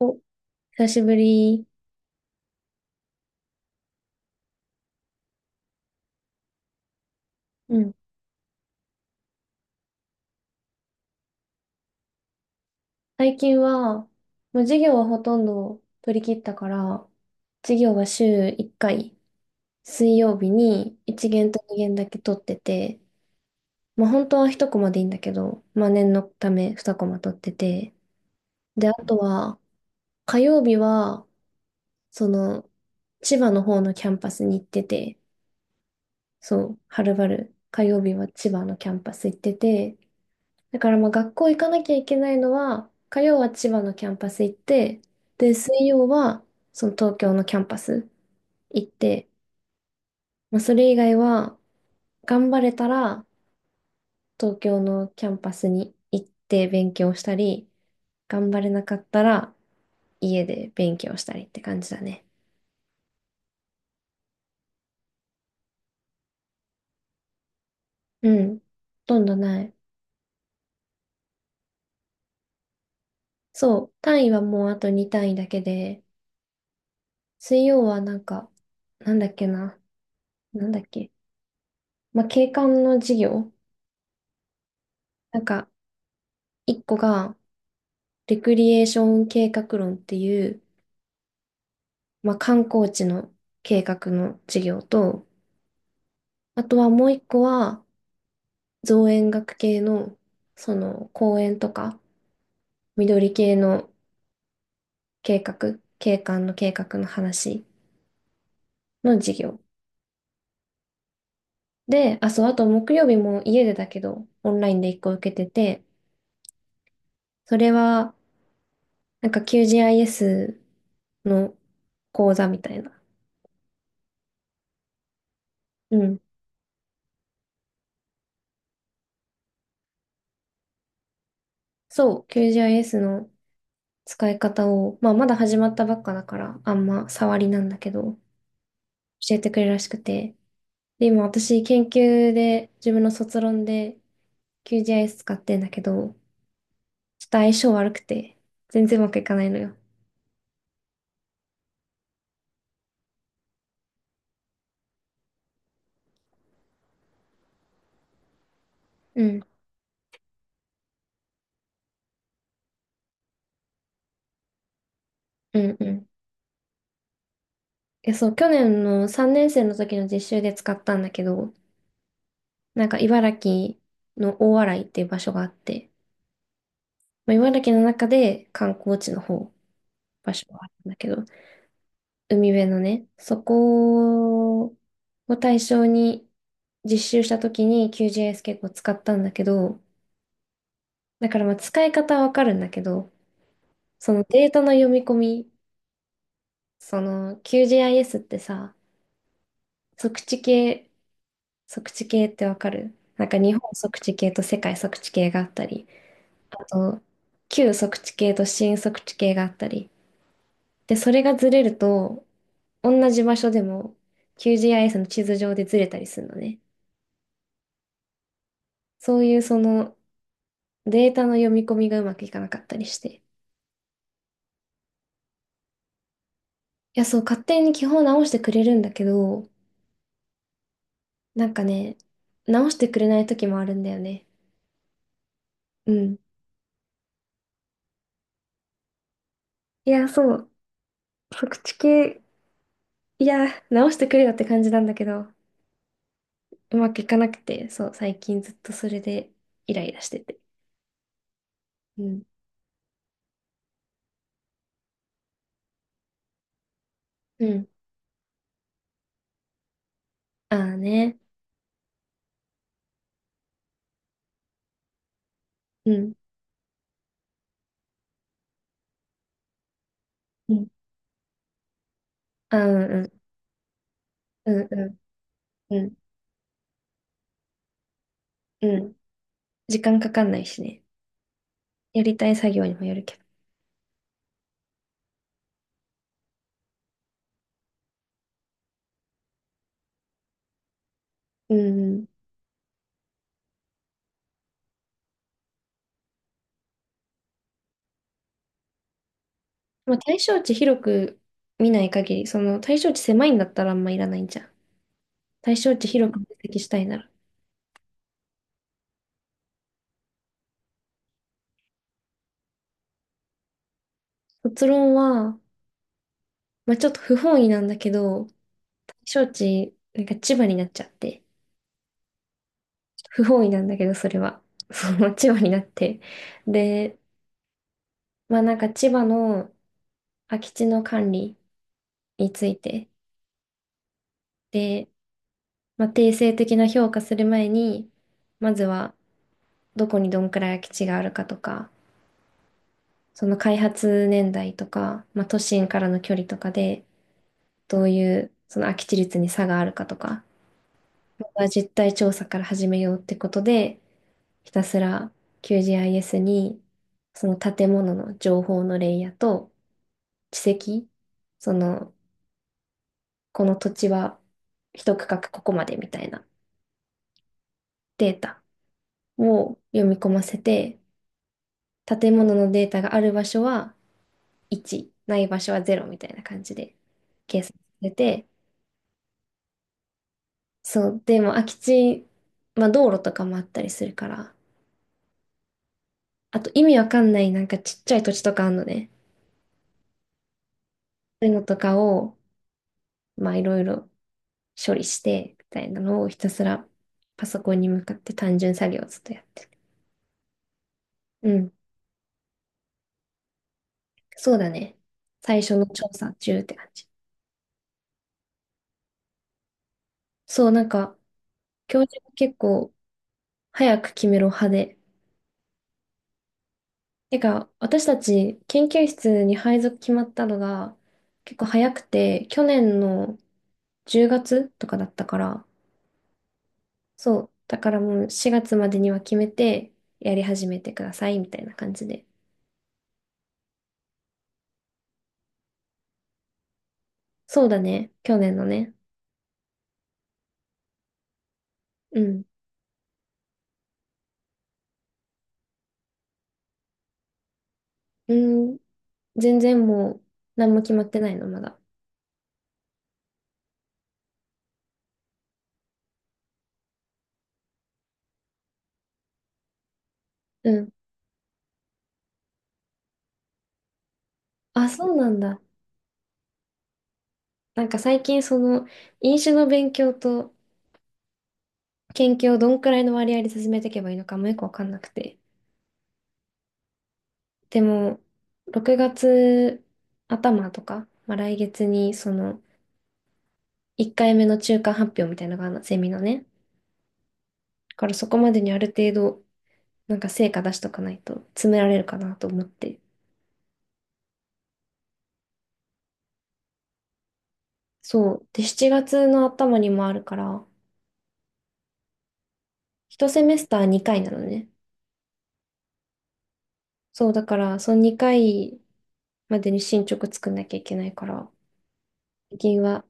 お、久しぶり。うん。最近は、もう授業はほとんど取り切ったから、授業は週1回、水曜日に1限と2限だけ取ってて、まあ本当は1コマでいいんだけど、まあ念のため2コマ取ってて、で、あとは、火曜日は、その、千葉の方のキャンパスに行ってて、そう、はるばる、火曜日は千葉のキャンパス行ってて、だからまあ学校行かなきゃいけないのは、火曜は千葉のキャンパス行って、で、水曜はその東京のキャンパス行って、まあ、それ以外は頑張れたら東京のキャンパスに行って勉強したり、頑張れなかったら家で勉強したりって感じだね。うん。ほとんどない。そう。単位はもうあと2単位だけで、水曜はなんだっけな。なんだっけ。まあ、景観の授業。なんか、一個が、レクリエーション計画論っていう、まあ、観光地の計画の事業と、あとはもう一個は、造園学系の、公園とか、緑系の計画、景観の計画の話の事業。で、あ、そう、あと木曜日も家でだけど、オンラインで一個受けてて、それは、なんか QGIS の講座みたいな。うん。そう、QGIS の使い方を、まあ、まだ始まったばっかだから、あんま触りなんだけど、教えてくれるらしくて。で、今私、研究で、自分の卒論で QGIS 使ってんだけど、ちょっと相性悪くて、全然うまくいかないのよ。うん、うん、うん。え、そう、去年の3年生の時の実習で使ったんだけど、なんか茨城の大洗っていう場所があって、まあ、茨城の中で観光地の方、場所があるんだけど、海辺のね、そこを対象に実習した時に QGIS 結構使ったんだけど、だからまあ使い方はわかるんだけど、そのデータの読み込み、その QGIS ってさ、測地系、測地系ってわかるなんか日本測地系と世界測地系があったり、あと旧測地系と新測地系があったり。で、それがずれると、同じ場所でも QGIS の地図上でずれたりするのね。そういうそのデータの読み込みがうまくいかなかったりして。いや、そう、勝手に基本直してくれるんだけど、なんかね、直してくれない時もあるんだよね。うん。いや、そう、測知系、いや、直してくれよって感じなんだけど、うまくいかなくて、そう、最近ずっとそれでイライラしてて。うん。うん。ああね。うん。うん。ああ、うんうん。うんうん。うんうん。時間かかんないしね。やりたい作業にもよるけど。うんうん。まあ、対象値広く見ない限り、その対象値狭いんだったらあんまいらないんじゃん。対象値広く分析したいなら。卒論は、まあ、ちょっと不本意なんだけど、対象値、なんか千葉になっちゃって、不本意なんだけど、それは。その千葉になって。で、まあなんか千葉の空き地の管理について、で、まあ、定性的な評価する前に、まずはどこにどんくらい空き地があるかとか、その開発年代とか、まあ、都心からの距離とかで、どういうその空き地率に差があるかとか、また実態調査から始めようってことで、ひたすら QGIS にその建物の情報のレイヤーと地籍、その、この土地は一区画ここまでみたいなデータを読み込ませて、建物のデータがある場所は1、ない場所は0みたいな感じで計算されて、そう、でも空き地、まあ道路とかもあったりするから、あと意味わかんないなんかちっちゃい土地とかあるのね。そういうのとかを、まあいろいろ処理して、みたいなのをひたすらパソコンに向かって単純作業をずっとやってる。うん、そうだね。最初の調査中って感じ。そう、なんか教授が結構早く決めろ派で。てか、私たち研究室に配属決まったのが結構早くて、去年の10月とかだったから、そう。だからもう4月までには決めて、やり始めてください、みたいな感じで。そうだね。去年のね。うん。うん。全然もう、何も決まってないの、まだ。うん。あ、そうなんだ。なんか最近、飲酒の勉強と研究をどんくらいの割合で進めていけばいいのかもよくわかんなくて。でも、6月頭とか、まあ、来月に、1回目の中間発表みたいなのがあるの、セミのね。だからそこまでにある程度、なんか成果出しとかないと詰められるかなと思って。そう。で、7月の頭にもあるから、1セメスター2回なのね。そう、だから、その2回までに進捗作んなきゃいけないから、最近は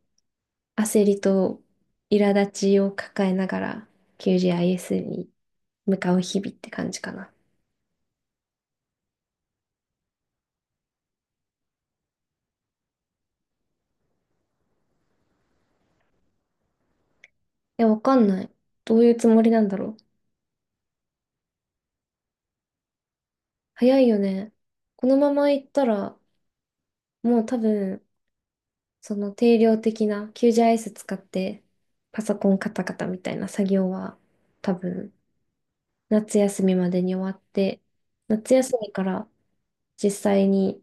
焦りと苛立ちを抱えながら QGIS に向かう日々って感じかな。いや、わかんない。どういうつもりなんだろう。早いよね。このまま行ったら、もう多分、その定量的な90アイエス使ってパソコンカタカタみたいな作業は多分夏休みまでに終わって、夏休みから実際に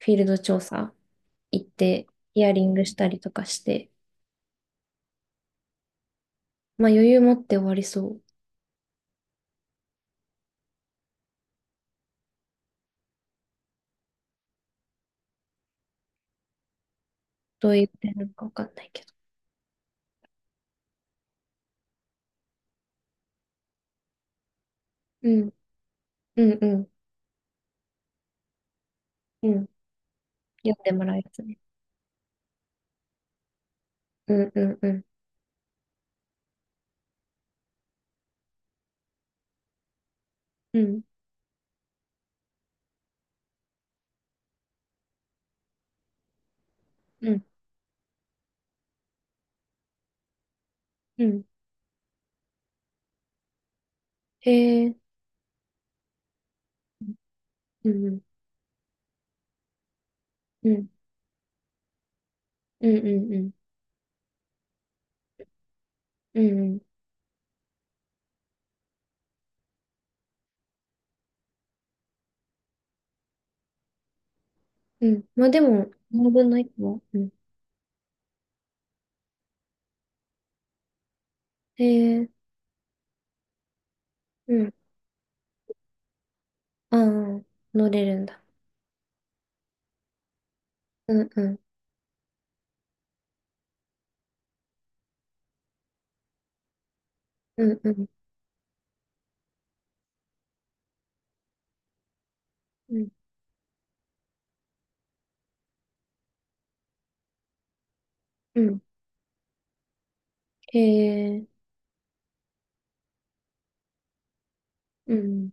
フィールド調査行ってヒアリングしたりとかして、まあ余裕持って終わりそう。どういう点なのかわかんないけど。うん、うん、うん、うん。読んでもらえますね。うん、うん、うん、うん、うん、うん。へえ、うん、うん、うん、うん、うん、うん、うん。うんまあでも、7分の1も。うんへえ、うん。ああ、乗れるんだ。うんうん、うんうん、うん、うん。へえ、うん、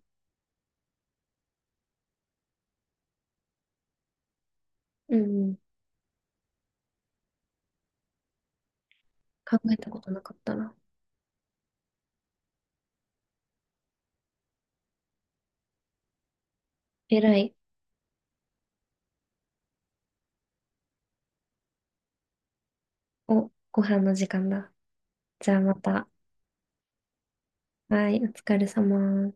うん。考えたことなかったな。えらい。お、ご飯の時間だ。じゃあまた。はい、お疲れ様。